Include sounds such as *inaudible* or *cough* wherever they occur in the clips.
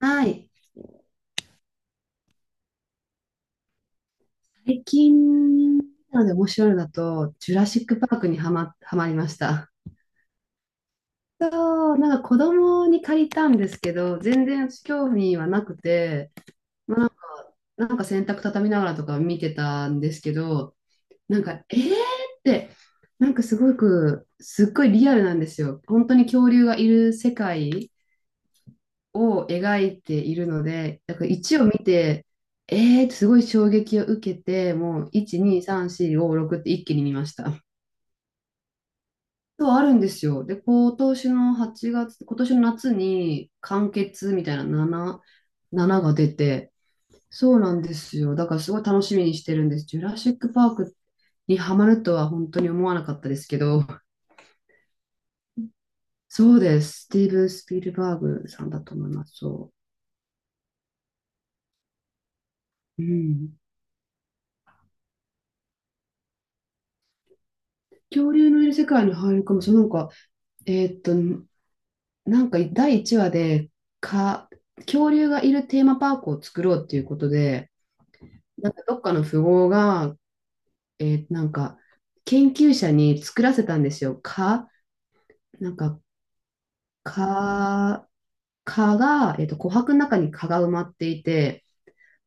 はい。最近なので面白いのだと、ジュラシック・パークにはまりました。そう、なんか子供に借りたんですけど、全然私興味はなくて、まあ、なんか洗濯畳みながらとか見てたんですけど、なんか、えーって、なんかすごく、すっごいリアルなんですよ。本当に恐竜がいる世界を描いているので、だから1を見て、えーってすごい衝撃を受けて、もう1、2、3、4、5、6って一気に見ました。そう、あるんですよ。で、今年の8月、今年の夏に完結みたいな7が出て、そうなんですよ。だからすごい楽しみにしてるんです。ジュラシック・パークにハマるとは本当に思わなかったですけど、そうです。スティーブン・スピルバーグさんだと思います。そう。うん。恐竜のいる世界に入るかも。そう、なんか、えーっと、なんか第1話で、か、恐竜がいるテーマパークを作ろうっていうことで、なんかどっかの富豪が、なんか研究者に作らせたんですよ。蚊、なんか蚊、蚊が、琥珀の中に蚊が埋まっていて、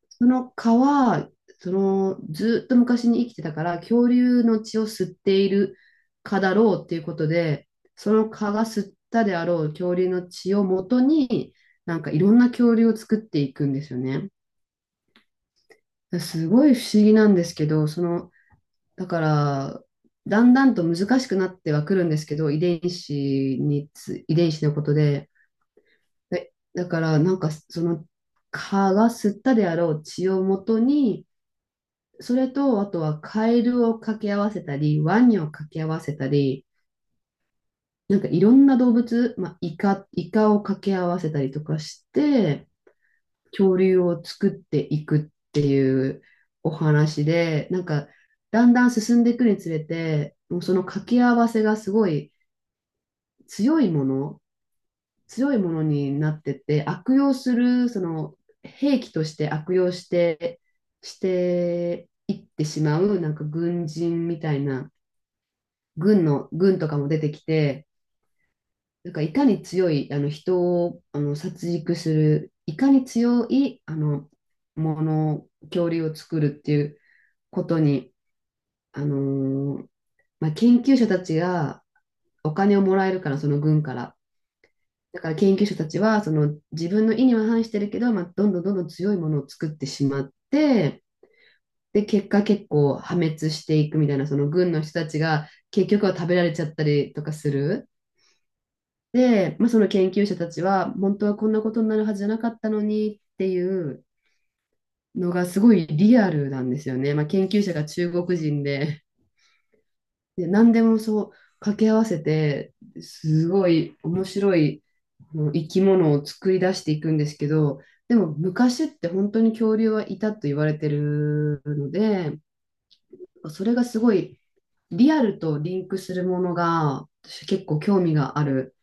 その蚊は、その、ずっと昔に生きてたから、恐竜の血を吸っている蚊だろうっていうことで、その蚊が吸ったであろう恐竜の血を元に、なんかいろんな恐竜を作っていくんですよね。すごい不思議なんですけど、その、だから、だんだんと難しくなってはくるんですけど、遺伝子のことで、でだから、なんかその蚊が吸ったであろう血を元に、それと、あとはカエルを掛け合わせたり、ワニを掛け合わせたり、なんかいろんな動物、まあ、イカを掛け合わせたりとかして、恐竜を作っていくっていうお話で、なんかだんだん進んでいくにつれて、もうその掛け合わせがすごい強いもの、強いものになってて、悪用する、その兵器として悪用して、していってしまう、なんか軍人みたいな。軍とかも出てきて、なんかいかに強い、あの人をあの殺戮する、いかに強いあのもの、恐竜を作るっていうことに、あのーまあ、研究者たちがお金をもらえるから、その軍から。だから研究者たちはその自分の意には反してるけど、まあ、どんどんどんどん強いものを作ってしまって、で、結果結構破滅していくみたいな、その軍の人たちが結局は食べられちゃったりとかする。で、まあ、その研究者たちは、本当はこんなことになるはずじゃなかったのにっていうのがすごいリアルなんですよね。まあ、研究者が中国人で、で、何でもそう掛け合わせて、すごい面白い生き物を作り出していくんですけど、でも昔って本当に恐竜はいたと言われてるので、それがすごいリアルとリンクするものが私結構興味がある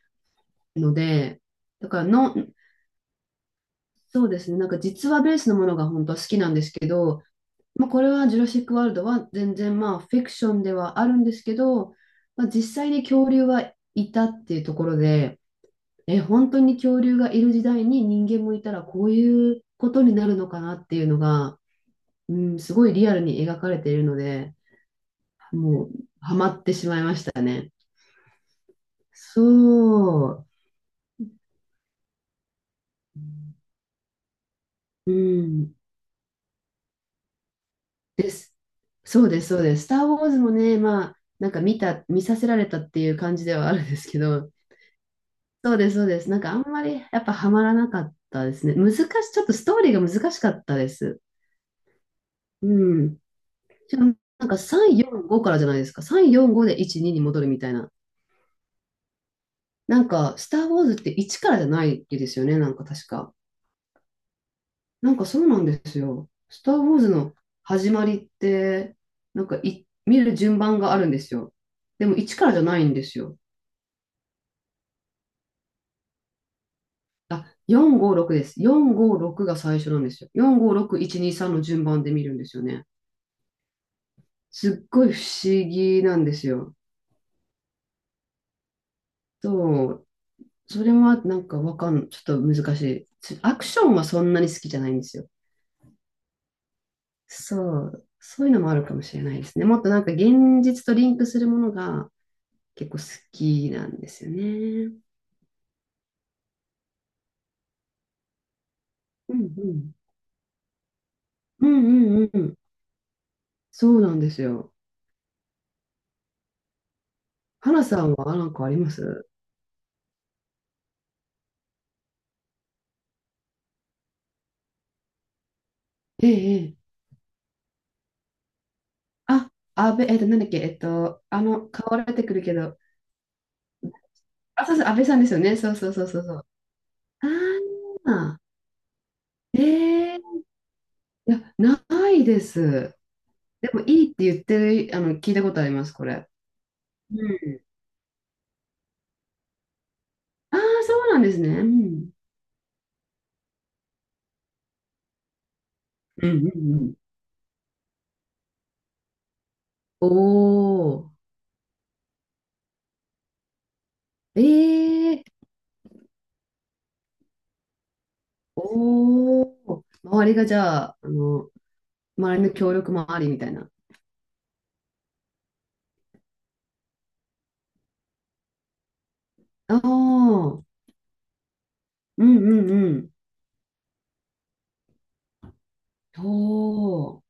ので、だからのそうですね。なんか実話ベースのものが本当は好きなんですけど、まあ、これはジュラシック・ワールドは全然まあフィクションではあるんですけど、まあ、実際に恐竜はいたっていうところで、え、本当に恐竜がいる時代に人間もいたらこういうことになるのかなっていうのが、うん、すごいリアルに描かれているので、もうハマってしまいました。そう。うん、です。そうです、そうです。スター・ウォーズもね、まあ、なんか見させられたっていう感じではあるんですけど、そうです、そうです。なんかあんまりやっぱハマらなかったですね。ちょっとストーリーが難しかったです。うん。しかもなんか3、4、5からじゃないですか。3、4、5で1、2に戻るみたいな。なんか、スター・ウォーズって1からじゃないですよね、なんか確か。なんかそうなんですよ。スター・ウォーズの始まりって、なんか見る順番があるんですよ。でも1からじゃないんですよ。あ、456です。456が最初なんですよ。456123の順番で見るんですよね。すっごい不思議なんですよ。そう。それはなんかわかん、ちょっと難しい。アクションはそんなに好きじゃないんですよ。そう。そういうのもあるかもしれないですね。もっとなんか現実とリンクするものが結構好きなんですよね。うんうん。うんうんうん。そうなんですよ。花さんはなんかあります？ええ、あ、安倍、えっと、なんだっけ、えっと、あの、顔出てくるけど、あ、そうそう、安倍さんですよね。そうそうそうそうそう。ああ、ええ、いや、ないです。でも、いいって言ってる、あの、聞いたことあります、これ。うん。ああ、そうなんですね。うん。うんうんうん。おお、ええ、おお、周りがじゃあ、あの、周りの協力もありみたいな。ああ、うんうんうん。おお。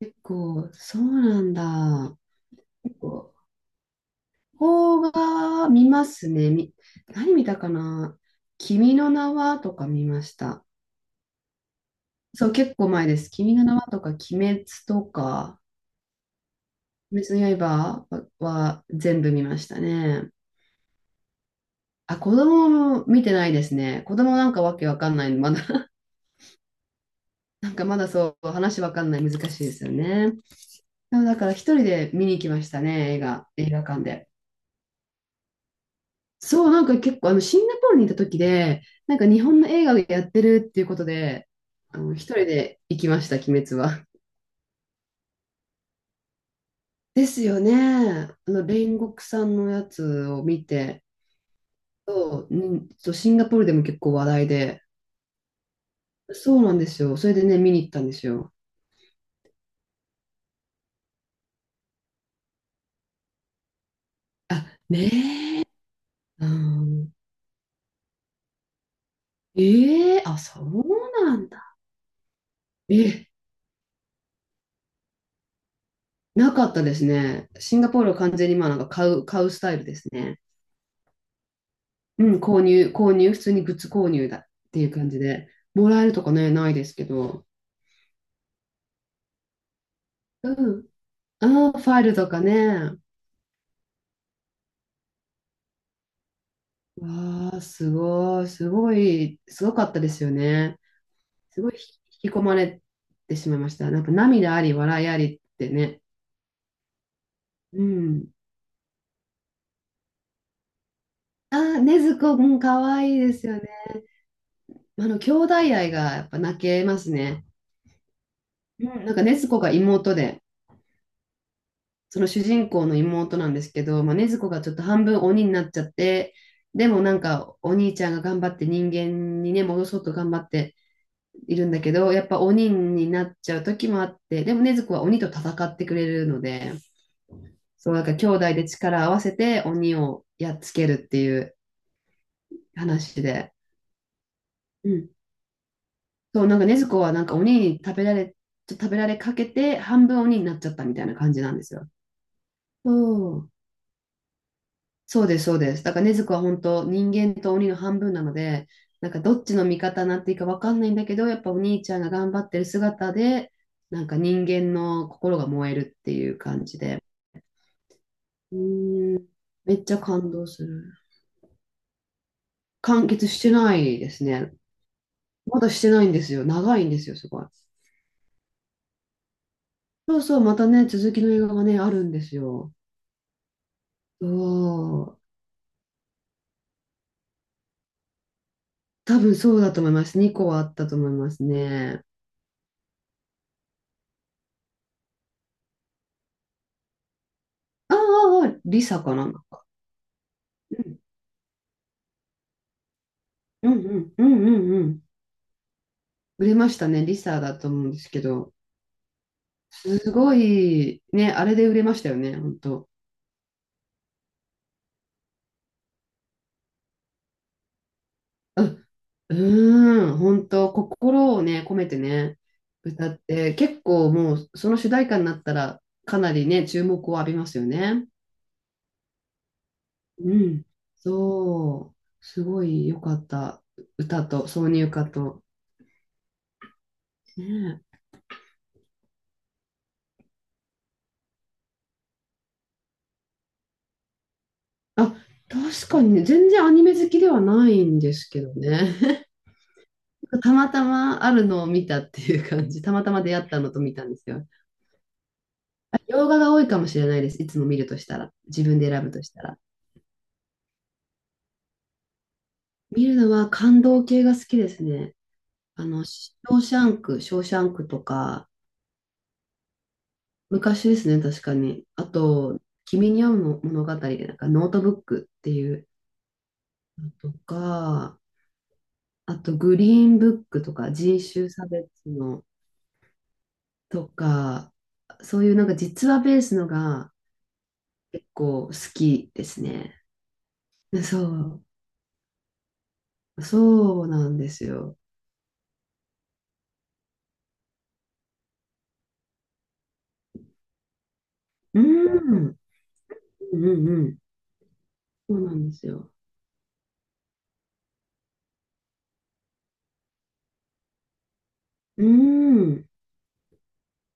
結構、そうなんだ。結構、邦画見ますね。何見たかな。君の名はとか見ました。そう、結構前です。君の名はとか、鬼滅とか、鬼滅の刃は全部見ましたね。あ、子供も見てないですね。子供なんかわけわかんないの、まだ *laughs* なんかまだそう、話わかんない、難しいですよね。だから一人で見に行きましたね、映画館で。そう、なんか結構あのシンガポールにいた時で、なんか日本の映画をやってるっていうことで、あの一人で行きました、鬼滅は。ですよね。あの煉獄さんのやつを見て、そう、うん、そうシンガポールでも結構話題で、そうなんですよ。それでね、見に行ったんですよ。あ、ねえ、うん、ええ、あ、そうなんだ。え、なかったですね。シンガポールは完全にまあなんか買うスタイルですね。うん、購入、購入、普通にグッズ購入だっていう感じで、もらえるとかね、ないですけど、うん、ああ、ファイルとかね、わあ、すごかったですよね。すごい引き込まれてしまいました。なんか涙あり、笑いありってね。うん。ああ、ねずこ、うん、かわいいですよね。あの、兄弟愛がやっぱ泣けますね。うん、なんかねずこが妹で、その主人公の妹なんですけど、まあ、禰豆子がちょっと半分鬼になっちゃって、でもなんかお兄ちゃんが頑張って人間にね、戻そうと頑張っているんだけど、やっぱ鬼になっちゃう時もあって、でも禰豆子は鬼と戦ってくれるので、そう、なんか兄弟で力を合わせて鬼をやっつけるっていう話で。うん。そう、なんか禰豆子はなんか鬼に食べられ、食べられかけて半分鬼になっちゃったみたいな感じなんですよ。そう、そうです、そうです。だから禰豆子は本当人間と鬼の半分なので、なんかどっちの味方になっていいかわかんないんだけど、やっぱお兄ちゃんが頑張ってる姿で、なんか人間の心が燃えるっていう感じで。うーん、めっちゃ感動する。完結してないですね。まだしてないんですよ。長いんですよ、すごい。そうそう、またね、続きの映画がね、あるんですよ。そう。多分そうだと思います。2個はあったと思いますね。ああ、ああ、リサかな。うんうんうんうんうんうん。売れましたね。リサだと思うんですけど。すごい、ね、あれで売れましたよね、本当。う、うーん、本当、心をね、込めてね、歌って、結構もう、その主題歌になったら、かなりね、注目を浴びますよね。うん。そう、すごい良かった。歌と、挿入歌と。ねえ。あ、確かにね、全然アニメ好きではないんですけどね。たまたまあるのを見たっていう感じ。たまたま出会ったのと見たんですよ。洋画が多いかもしれないです。いつも見るとしたら。自分で選ぶとしたら。見るのは感動系が好きですね。あの、ショーシャンクとか、昔ですね、確かに。あと、君に会う物語で、なんかノートブックっていうのとか、あと、グリーンブックとか、人種差別のとか、そういうなんか実話ベースのが結構好きですね。そう、そうなんですよ。うん、うん、うん、そうなんですよ。うん。